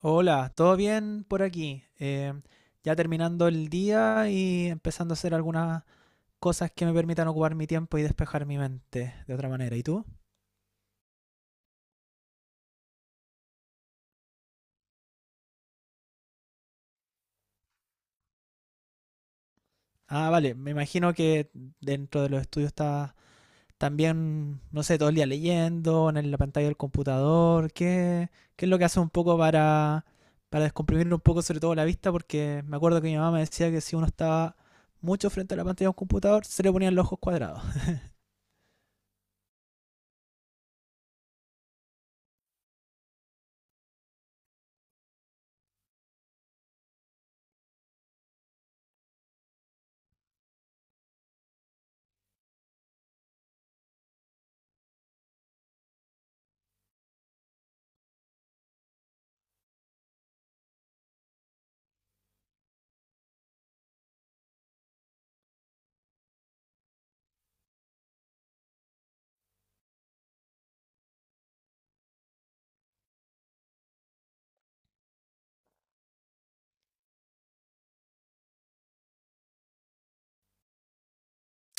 Hola, ¿todo bien por aquí? Ya terminando el día y empezando a hacer algunas cosas que me permitan ocupar mi tiempo y despejar mi mente de otra manera. ¿Y tú? Ah, vale, me imagino que dentro de los estudios estás también, no sé, todo el día leyendo, en la pantalla del computador. ¿Qué es lo que hace un poco para descomprimir un poco, sobre todo la vista? Porque me acuerdo que mi mamá me decía que si uno estaba mucho frente a la pantalla de un computador, se le ponían los ojos cuadrados.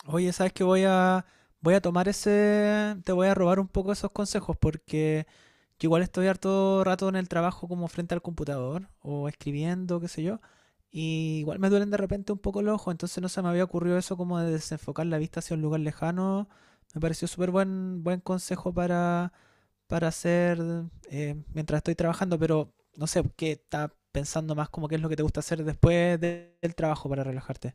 Oye, ¿sabes que voy a tomar ese, te voy a robar un poco esos consejos? Porque yo igual estoy harto rato en el trabajo como frente al computador o escribiendo, qué sé yo, y igual me duelen de repente un poco los ojos, entonces no se me había ocurrido eso como de desenfocar la vista hacia un lugar lejano. Me pareció súper buen consejo para hacer mientras estoy trabajando, pero no sé, ¿qué estás pensando más como qué es lo que te gusta hacer después del trabajo para relajarte?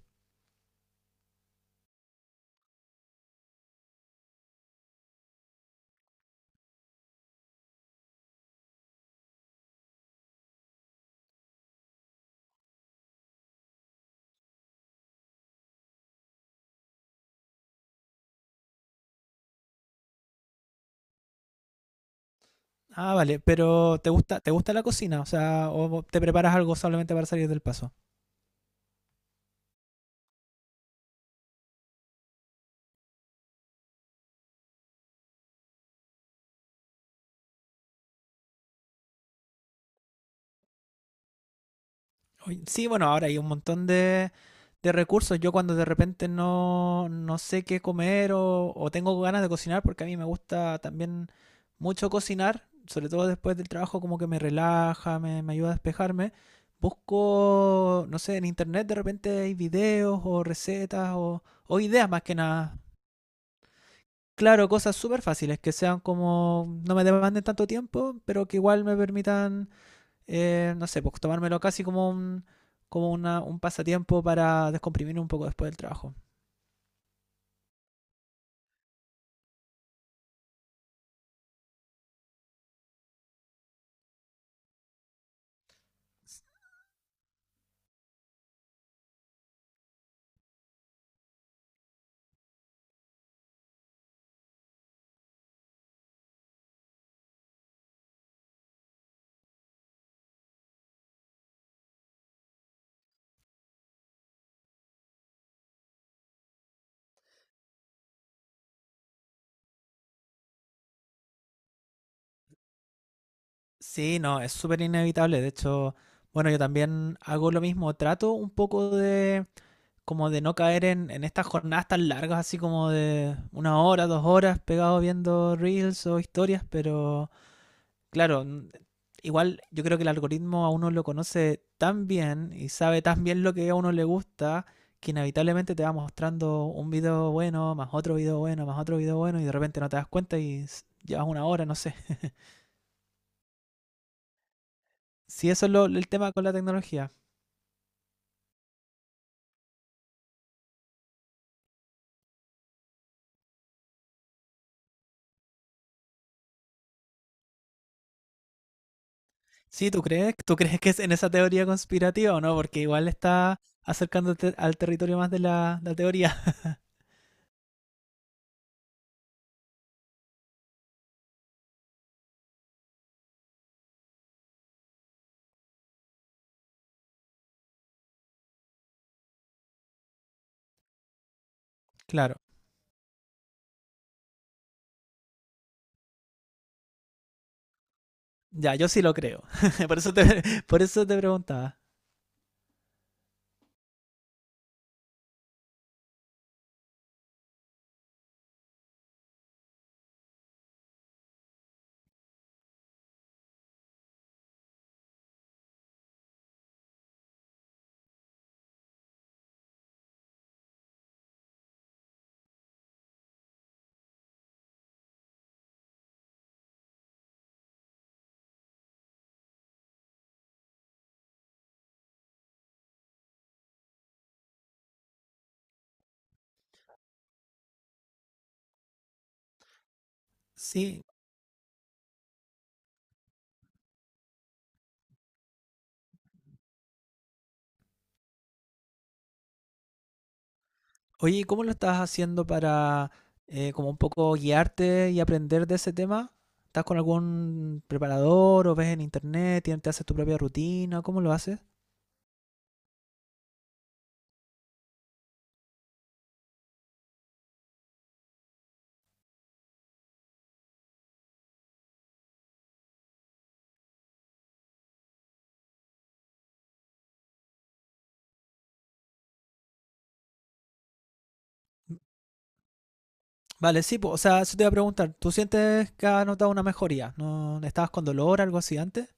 Ah, vale, pero ¿te te gusta la cocina? O sea, ¿o te preparas algo solamente para salir del paso? Oye, sí, bueno, ahora hay un montón de recursos. Yo cuando de repente no sé qué comer o tengo ganas de cocinar, porque a mí me gusta también mucho cocinar, sobre todo después del trabajo, como que me relaja, me ayuda a despejarme. Busco, no sé, en internet de repente hay videos o recetas o ideas más que nada. Claro, cosas súper fáciles, que sean como, no me demanden tanto tiempo, pero que igual me permitan, no sé, pues tomármelo casi como como un pasatiempo para descomprimir un poco después del trabajo. Sí, no, es súper inevitable. De hecho, bueno, yo también hago lo mismo. Trato un poco como de no caer en estas jornadas tan largas, así como de una hora, dos horas pegado viendo reels o historias, pero... Claro, igual yo creo que el algoritmo a uno lo conoce tan bien y sabe tan bien lo que a uno le gusta que inevitablemente te va mostrando un video bueno, más otro video bueno, más otro video bueno y de repente no te das cuenta y llevas una hora, no sé. Si eso es el tema con la tecnología. Sí, ¿tú crees? ¿Tú crees que es en esa teoría conspirativa o no? Porque igual está acercándote al territorio más de la teoría. Claro. Ya, yo sí lo creo. Por eso por eso te preguntaba. Sí, oye, ¿y cómo lo estás haciendo para como un poco guiarte y aprender de ese tema? ¿Estás con algún preparador o ves en internet, te haces tu propia rutina? ¿Cómo lo haces? Vale, sí, pues, o sea, eso te iba a preguntar. ¿Tú sientes que has notado una mejoría? ¿No estabas con dolor, algo así antes?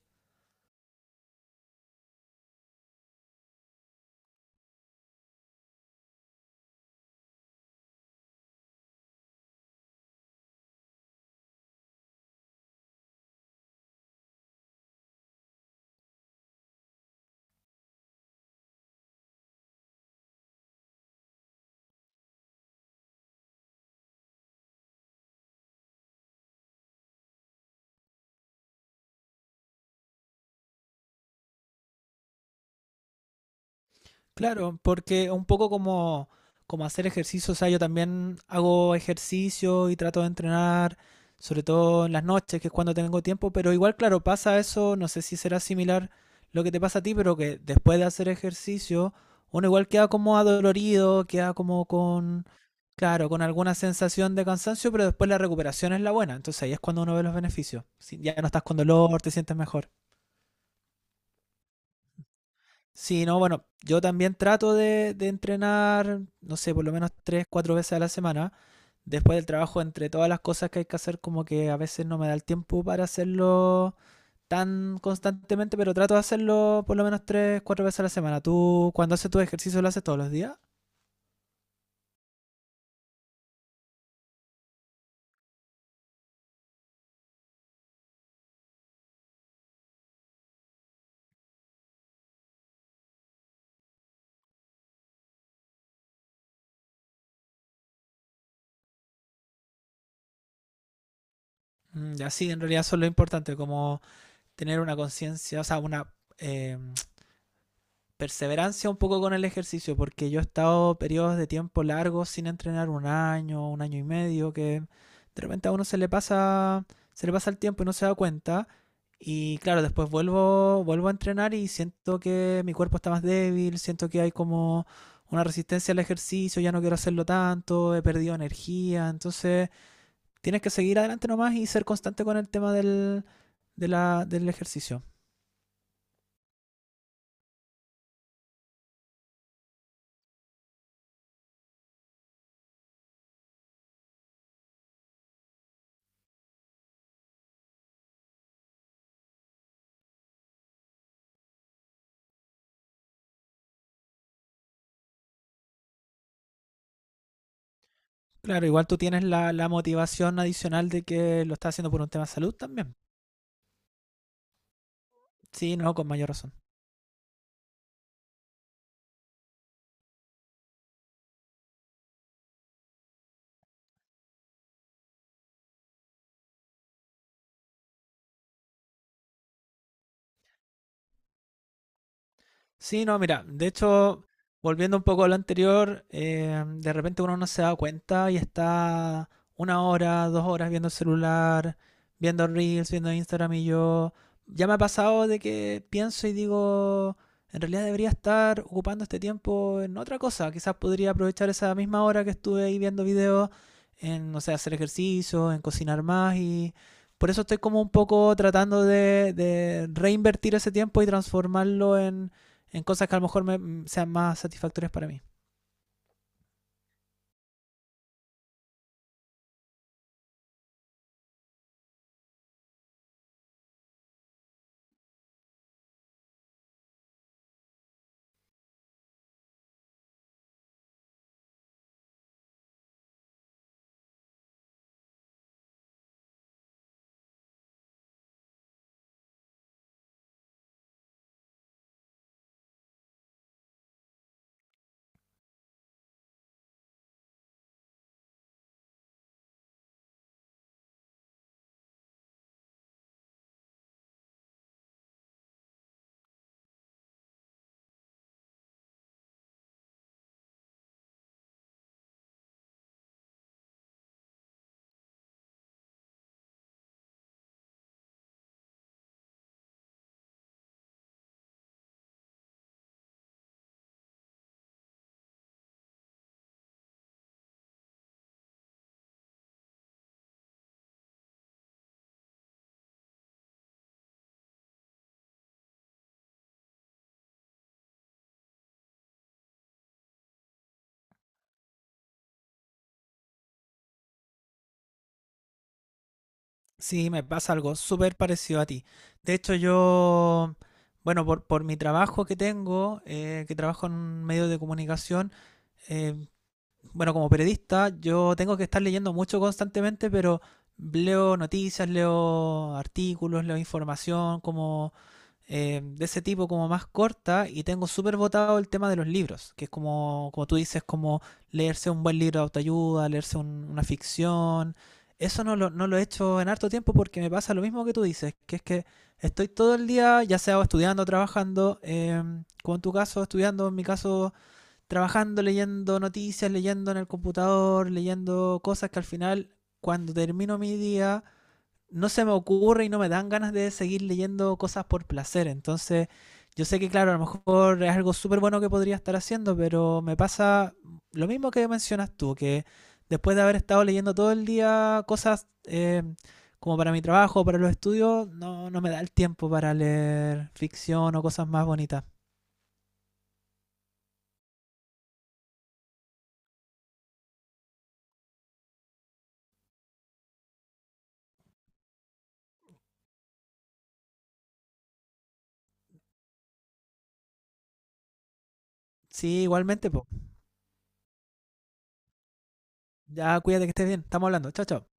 Claro, porque un poco como hacer ejercicio, o sea, yo también hago ejercicio y trato de entrenar, sobre todo en las noches, que es cuando tengo tiempo, pero igual, claro, pasa eso, no sé si será similar lo que te pasa a ti, pero que después de hacer ejercicio, uno igual queda como adolorido, queda como claro, con alguna sensación de cansancio, pero después la recuperación es la buena, entonces ahí es cuando uno ve los beneficios. Si ya no estás con dolor, te sientes mejor. Sí, no, bueno, yo también trato de entrenar, no sé, por lo menos tres, cuatro veces a la semana. Después del trabajo, entre todas las cosas que hay que hacer, como que a veces no me da el tiempo para hacerlo tan constantemente, pero trato de hacerlo por lo menos tres, cuatro veces a la semana. ¿Tú cuando haces tu ejercicio lo haces todos los días? Mm, ya sí, en realidad eso es lo importante, como tener una conciencia, o sea, una, eh, perseverancia un poco con el ejercicio, porque yo he estado periodos de tiempo largos sin entrenar un año y medio, que de repente a uno se le pasa el tiempo y no se da cuenta. Y claro, después vuelvo a entrenar y siento que mi cuerpo está más débil, siento que hay como una resistencia al ejercicio, ya no quiero hacerlo tanto, he perdido energía, entonces tienes que seguir adelante nomás y ser constante con el tema de del ejercicio. Claro, igual tú tienes la motivación adicional de que lo estás haciendo por un tema de salud también. Sí, no, con mayor razón. Sí, no, mira, de hecho, volviendo un poco a lo anterior, de repente uno no se da cuenta y está una hora, dos horas viendo el celular, viendo Reels, viendo Instagram y yo. Ya me ha pasado de que pienso y digo, en realidad debería estar ocupando este tiempo en otra cosa. Quizás podría aprovechar esa misma hora que estuve ahí viendo videos en, no sé, hacer ejercicio, en cocinar más y por eso estoy como un poco tratando de reinvertir ese tiempo y transformarlo en cosas que a lo mejor me, sean más satisfactorias para mí. Sí, me pasa algo súper parecido a ti. De hecho, yo, bueno, por mi trabajo que tengo, que trabajo en un medio de comunicación, eh, bueno, como periodista, yo tengo que estar leyendo mucho constantemente, pero leo noticias, leo artículos, leo información como de ese tipo, como más corta, y tengo súper votado el tema de los libros, que es como, como tú dices, como leerse un buen libro de autoayuda, leerse una ficción. Eso no no lo he hecho en harto tiempo porque me pasa lo mismo que tú dices, que es que estoy todo el día, ya sea o estudiando, trabajando, como en tu caso, estudiando, en mi caso trabajando, leyendo noticias, leyendo en el computador, leyendo cosas que al final, cuando termino mi día, no se me ocurre y no me dan ganas de seguir leyendo cosas por placer. Entonces, yo sé que, claro, a lo mejor es algo súper bueno que podría estar haciendo, pero me pasa lo mismo que mencionas tú, que después de haber estado leyendo todo el día cosas como para mi trabajo, para los estudios, no me da el tiempo para leer ficción o cosas más bonitas. Sí, igualmente, pues. Ya, cuídate que estés bien. Estamos hablando. Chao, chao.